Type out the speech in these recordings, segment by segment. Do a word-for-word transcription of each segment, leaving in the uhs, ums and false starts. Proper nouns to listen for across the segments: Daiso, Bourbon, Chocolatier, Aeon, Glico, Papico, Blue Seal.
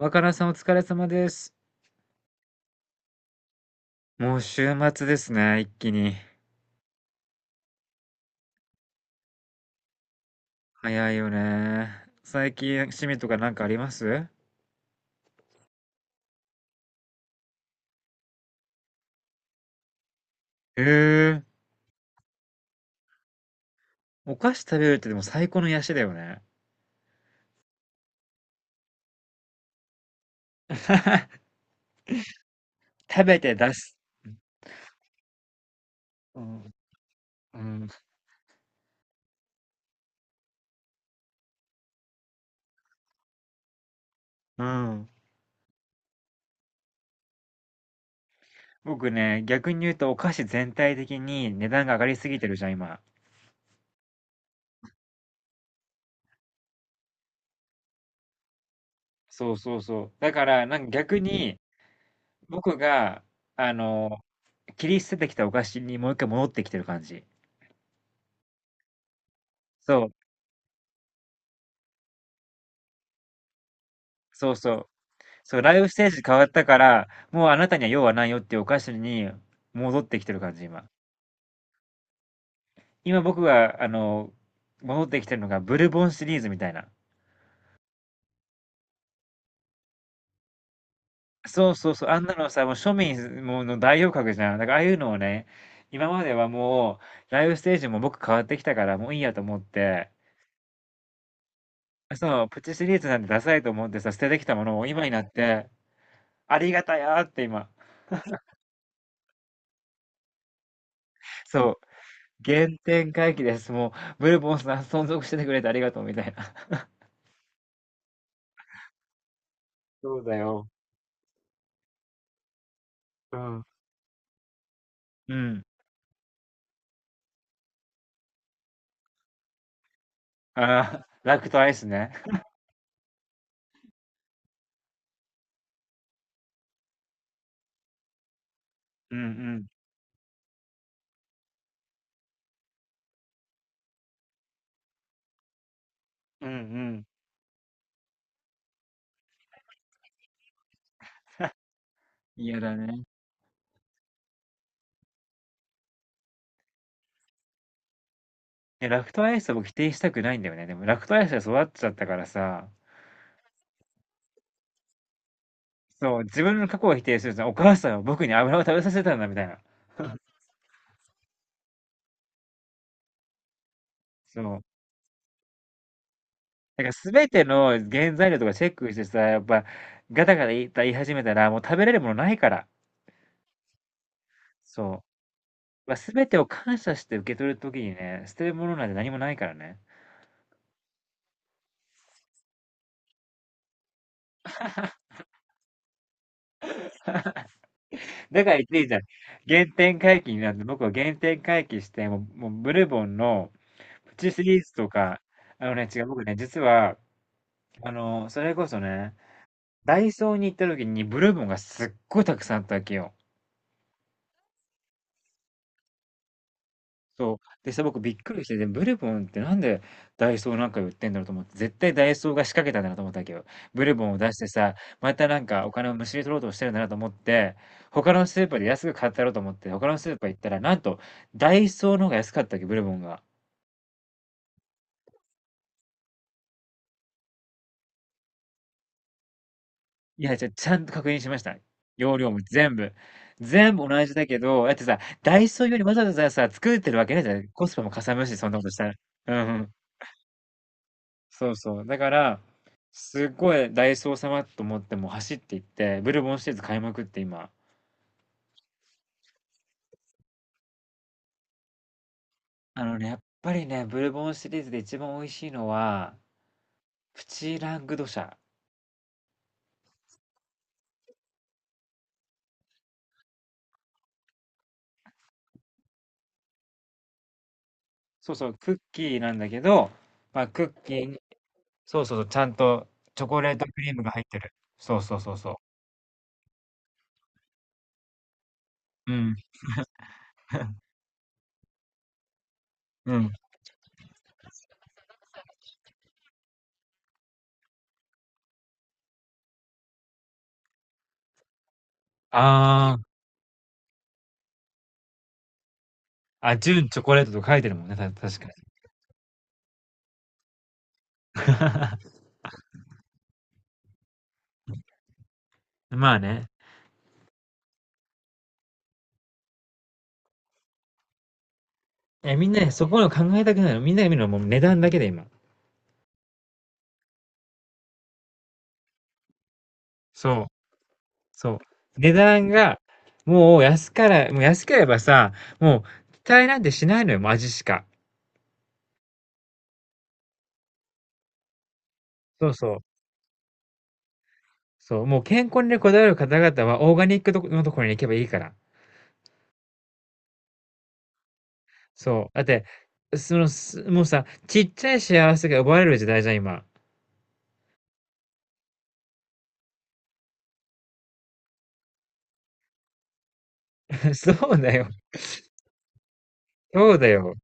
若菜さんお疲れ様です。もう週末ですね、一気に。早いよね。最近趣味とかなんかあります？へえ。お菓子食べるってでも最高の癒しだよね。食べて出す。うん。うん。うん。僕ね、逆に言うとお菓子全体的に値段が上がりすぎてるじゃん、今。そうそうそう。だから、なんか逆に僕が、あの、切り捨ててきたお菓子にもう一回戻ってきてる感じ。そう。そうそう。そう、ライフステージ変わったから、もうあなたには用はないよっていうお菓子に戻ってきてる感じ、今。今僕が、あの、戻ってきてるのがブルボンシリーズみたいな。そうそうそう、あんなのさ、もう庶民もうの代表格じゃん。だからああいうのをね、今まではもう、ライフステージも僕変わってきたから、もういいやと思って、そう、プチシリーズなんてダサいと思ってさ、捨ててきたものを今になって、ありがたやーって今。そう、原点回帰です。もう、ブルボンさん存続しててくれてありがとうみたいな。そうだよ。うん。うん。ああ、ラクトアイスね。うんうん。うんうん。嫌だね。え、ラクトアイスを否定したくないんだよね。でもラクトアイスで育っちゃったからさ、そう、自分の過去を否定すると、お母さんは僕に油を食べさせたんだみたいな。そう。だから全ての原材料とかチェックしてさ、やっぱガタガタ言い言い始めたら、もう食べれるものないから。そう。まあ、全てを感謝して受け取る時にね、捨てるものなんて何もないからね。だから言っていいじゃん。原点回帰になって、僕は原点回帰して、もう、もうブルボンのプチシリーズとか、あのね、違う、僕ね、実は、あの、それこそね、ダイソーに行った時にブルボンがすっごいたくさんあったわけよ。そう。でさ、僕びっくりして、で、ブルボンってなんでダイソーなんか売ってんだろうと思って、絶対ダイソーが仕掛けたんだなと思ったわけど、ブルボンを出してさ、またなんかお金をむしり取ろうとしてるんだなと思って、他のスーパーで安く買ったろうと思って、他のスーパー行ったら、なんと、ダイソーの方が安かったわけ、ブルボンが。いや、じゃあ、ちゃんと確認しました。容量も全部。全部同じだけど、だってさ、ダイソーよりわざわざさ、作ってるわけねえじゃん。コスパもかさむし、そんなことしたら。うんうん。そうそう。だから、すっごいダイソー様と思ってもう走って行って、ブルボンシリーズ買いまくって今。あのね、やっぱりね、ブルボンシリーズで一番美味しいのは、プチラングドシャ。そうそう、クッキーなんだけど、まあ、クッキーに、そうそうそう、ちゃんとチョコレートクリームが入ってる。そうそうそうそう。うん。うん。ああ、あ、純チョコレートとか書いてるもんね、た確かに。まあね。え、みんなね、そこの考えたくないの。みんなが見るのはもう値段だけで今。そう、そう。値段が、もう安から、もう安ければさ、もう期待なんてしないのよ、もう味しか。そうそう。そう、もう健康にねこだわる方々はオーガニックとこのところに行けばいいから。そう。だって、その、すもうさ、ちっちゃい幸せが奪われる時代じゃん、今。そうだよ。そうだよ。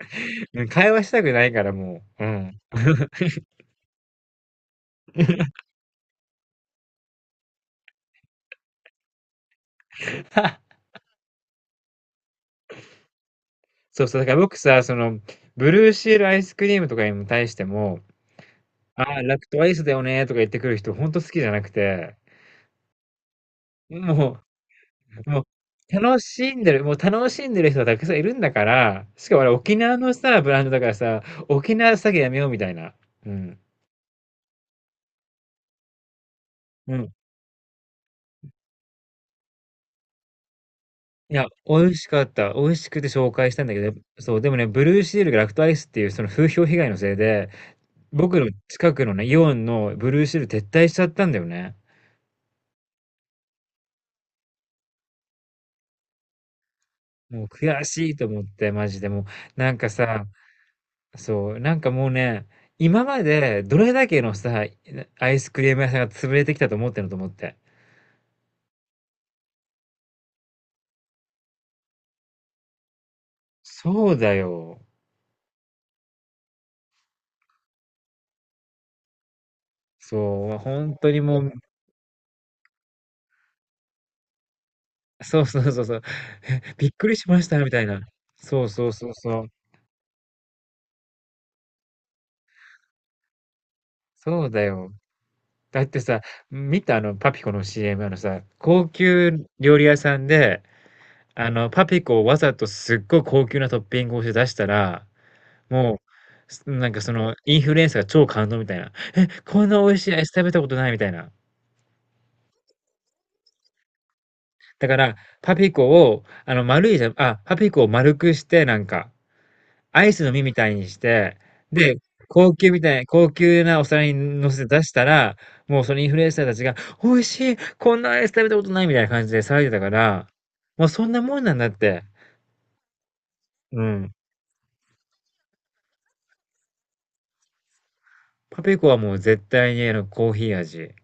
うん、会話したくないからもう。うん。そうそう、だから僕さ、その、ブルーシールアイスクリームとかに対しても、ああ、ラクトアイスだよねとか言ってくる人ほんと好きじゃなくて、もう、もう、楽しんでる、もう楽しんでる人はたくさんいるんだから、しかもあれ沖縄のさ、ブランドだからさ、沖縄詐欺やめようみたいな。うん。うん。いや、美味しかった。美味しくて紹介したんだけど、そう、でもね、ブルーシールがラクトアイスっていうその風評被害のせいで、僕の近くのね、イオンのブルーシール撤退しちゃったんだよね。もう悔しいと思って、マジでもう、なんかさ、そう、なんかもうね、今までどれだけのさ、アイスクリーム屋さんが潰れてきたと思ってんのと思って。そうだよ。そう、本当にもう、そうそうそうそう、びっくりしましたみたいな。そうそうそうそう。そうだよ。だってさ、見たあのパピコの シーエム あのさ、高級料理屋さんで、あの、パピコをわざとすっごい高級なトッピングをして出したら、もう、すなんかその、インフルエンサーが超感動みたいな。え、こんな美味しいアイス食べたことないみたいな。だから、パピコを、あの、丸いじゃ、あ、パピコを丸くして、なんか、アイスの実みたいにして、で、高級みたい、高級なお皿に乗せて出したら、もうそのインフルエンサーたちが、美味しい、こんなアイス食べたことないみたいな感じで騒いでたから、もうそんなもんなんだって。うん。パピコはもう絶対にあのコーヒー味。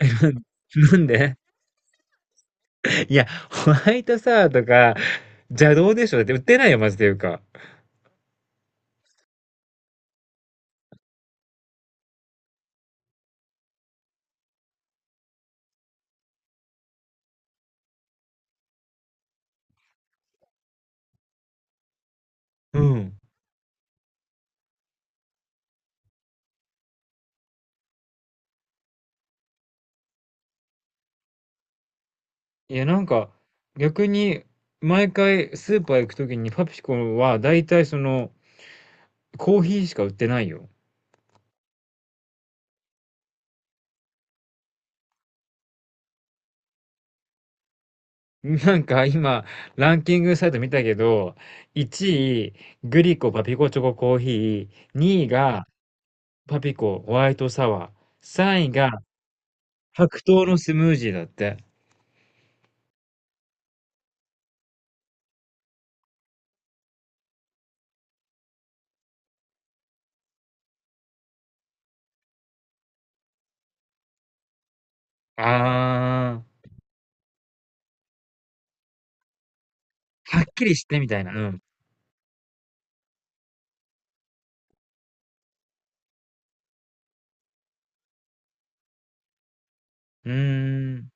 なんでいや、ホワイトサワーとか邪道でしょだって売ってないよ、マジでいうか。うん。いや、なんか逆に毎回スーパー行くときにパピコは大体そのコーヒーしか売ってないよ。なんか今ランキングサイト見たけど、いちいグリコパピコチョココーヒー、にいがパピコホワイトサワー、さんいが白桃のスムージーだって。ああ、はっきりしてみたいな、うん。うーん。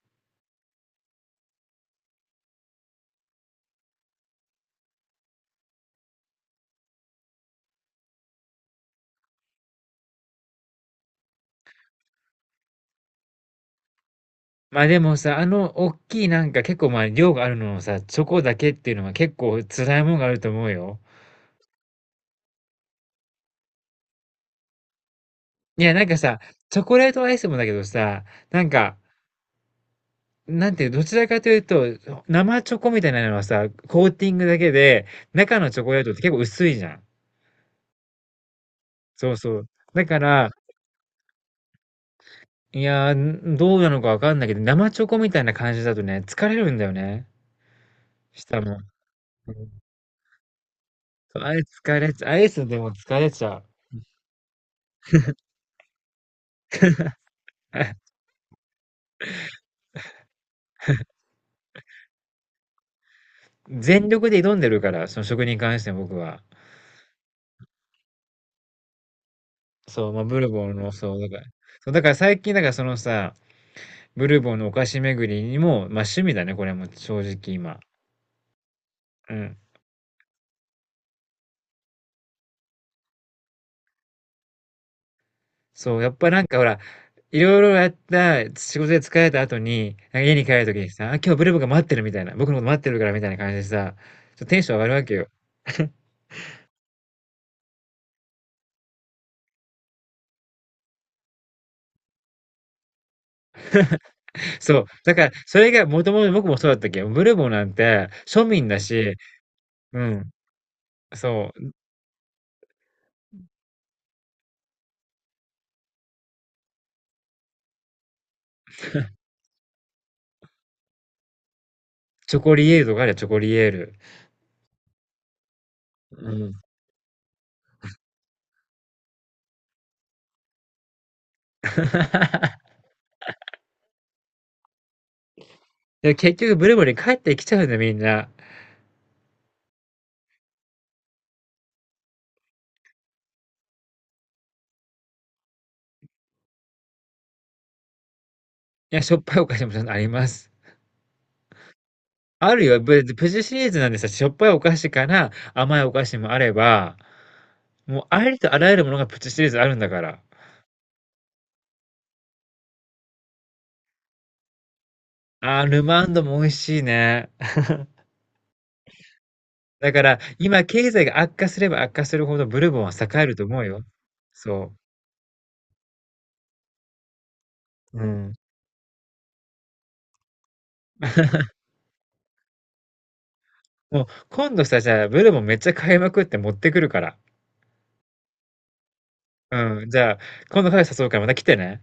ま、でもさ、あのおっきいなんか結構、ま、量があるのをさ、チョコだけっていうのは結構辛いもんがあると思うよ。いや、なんかさ、チョコレートアイスもだけどさ、なんか、なんていう、どちらかというと、生チョコみたいなのはさ、コーティングだけで、中のチョコレートって結構薄いじゃん。そうそう。だから、いや、ん、どうなのかわかんないけど、生チョコみたいな感じだとね、疲れるんだよね、舌も。うん。あれ疲れちゃう。アイスでも疲れちゃう。全力で挑んでるから、その食に関して僕は。そう、まあ、ブルボンの、そう、だから、そう、だから最近、だからそのさ、ブルボンのお菓子巡りにも、まあ趣味だね、これも正直今。うん。そう、やっぱなんかほら、いろいろやった、仕事で疲れた後に、なんか家に帰るときにさ、あ、今日ブルボンが待ってるみたいな、僕のこと待ってるからみたいな感じでさ、ちょっとテンション上がるわけよ。そう。だから、それがもともと僕もそうだったっけど、ブルボンなんて庶民だし、うん。そう。チョコリエールとかあるよ、チョコリエール。うん。で結局ブルボンに帰ってきちゃうんだよ、みんな。いや、しょっぱいお菓子もちゃんとあります。あるよ、ぶプチシリーズなんでさ、しょっぱいお菓子から甘いお菓子もあれば、もうありとあらゆるものがプチシリーズあるんだから。あー、ルマンドも美味しいね。だから、今経済が悪化すれば悪化するほどブルボンは栄えると思うよ。そう。うん。もう今度さ、じゃあブルボンめっちゃ買いまくって持ってくるから。うん、じゃあ、今度カフェ誘うからまた来てね。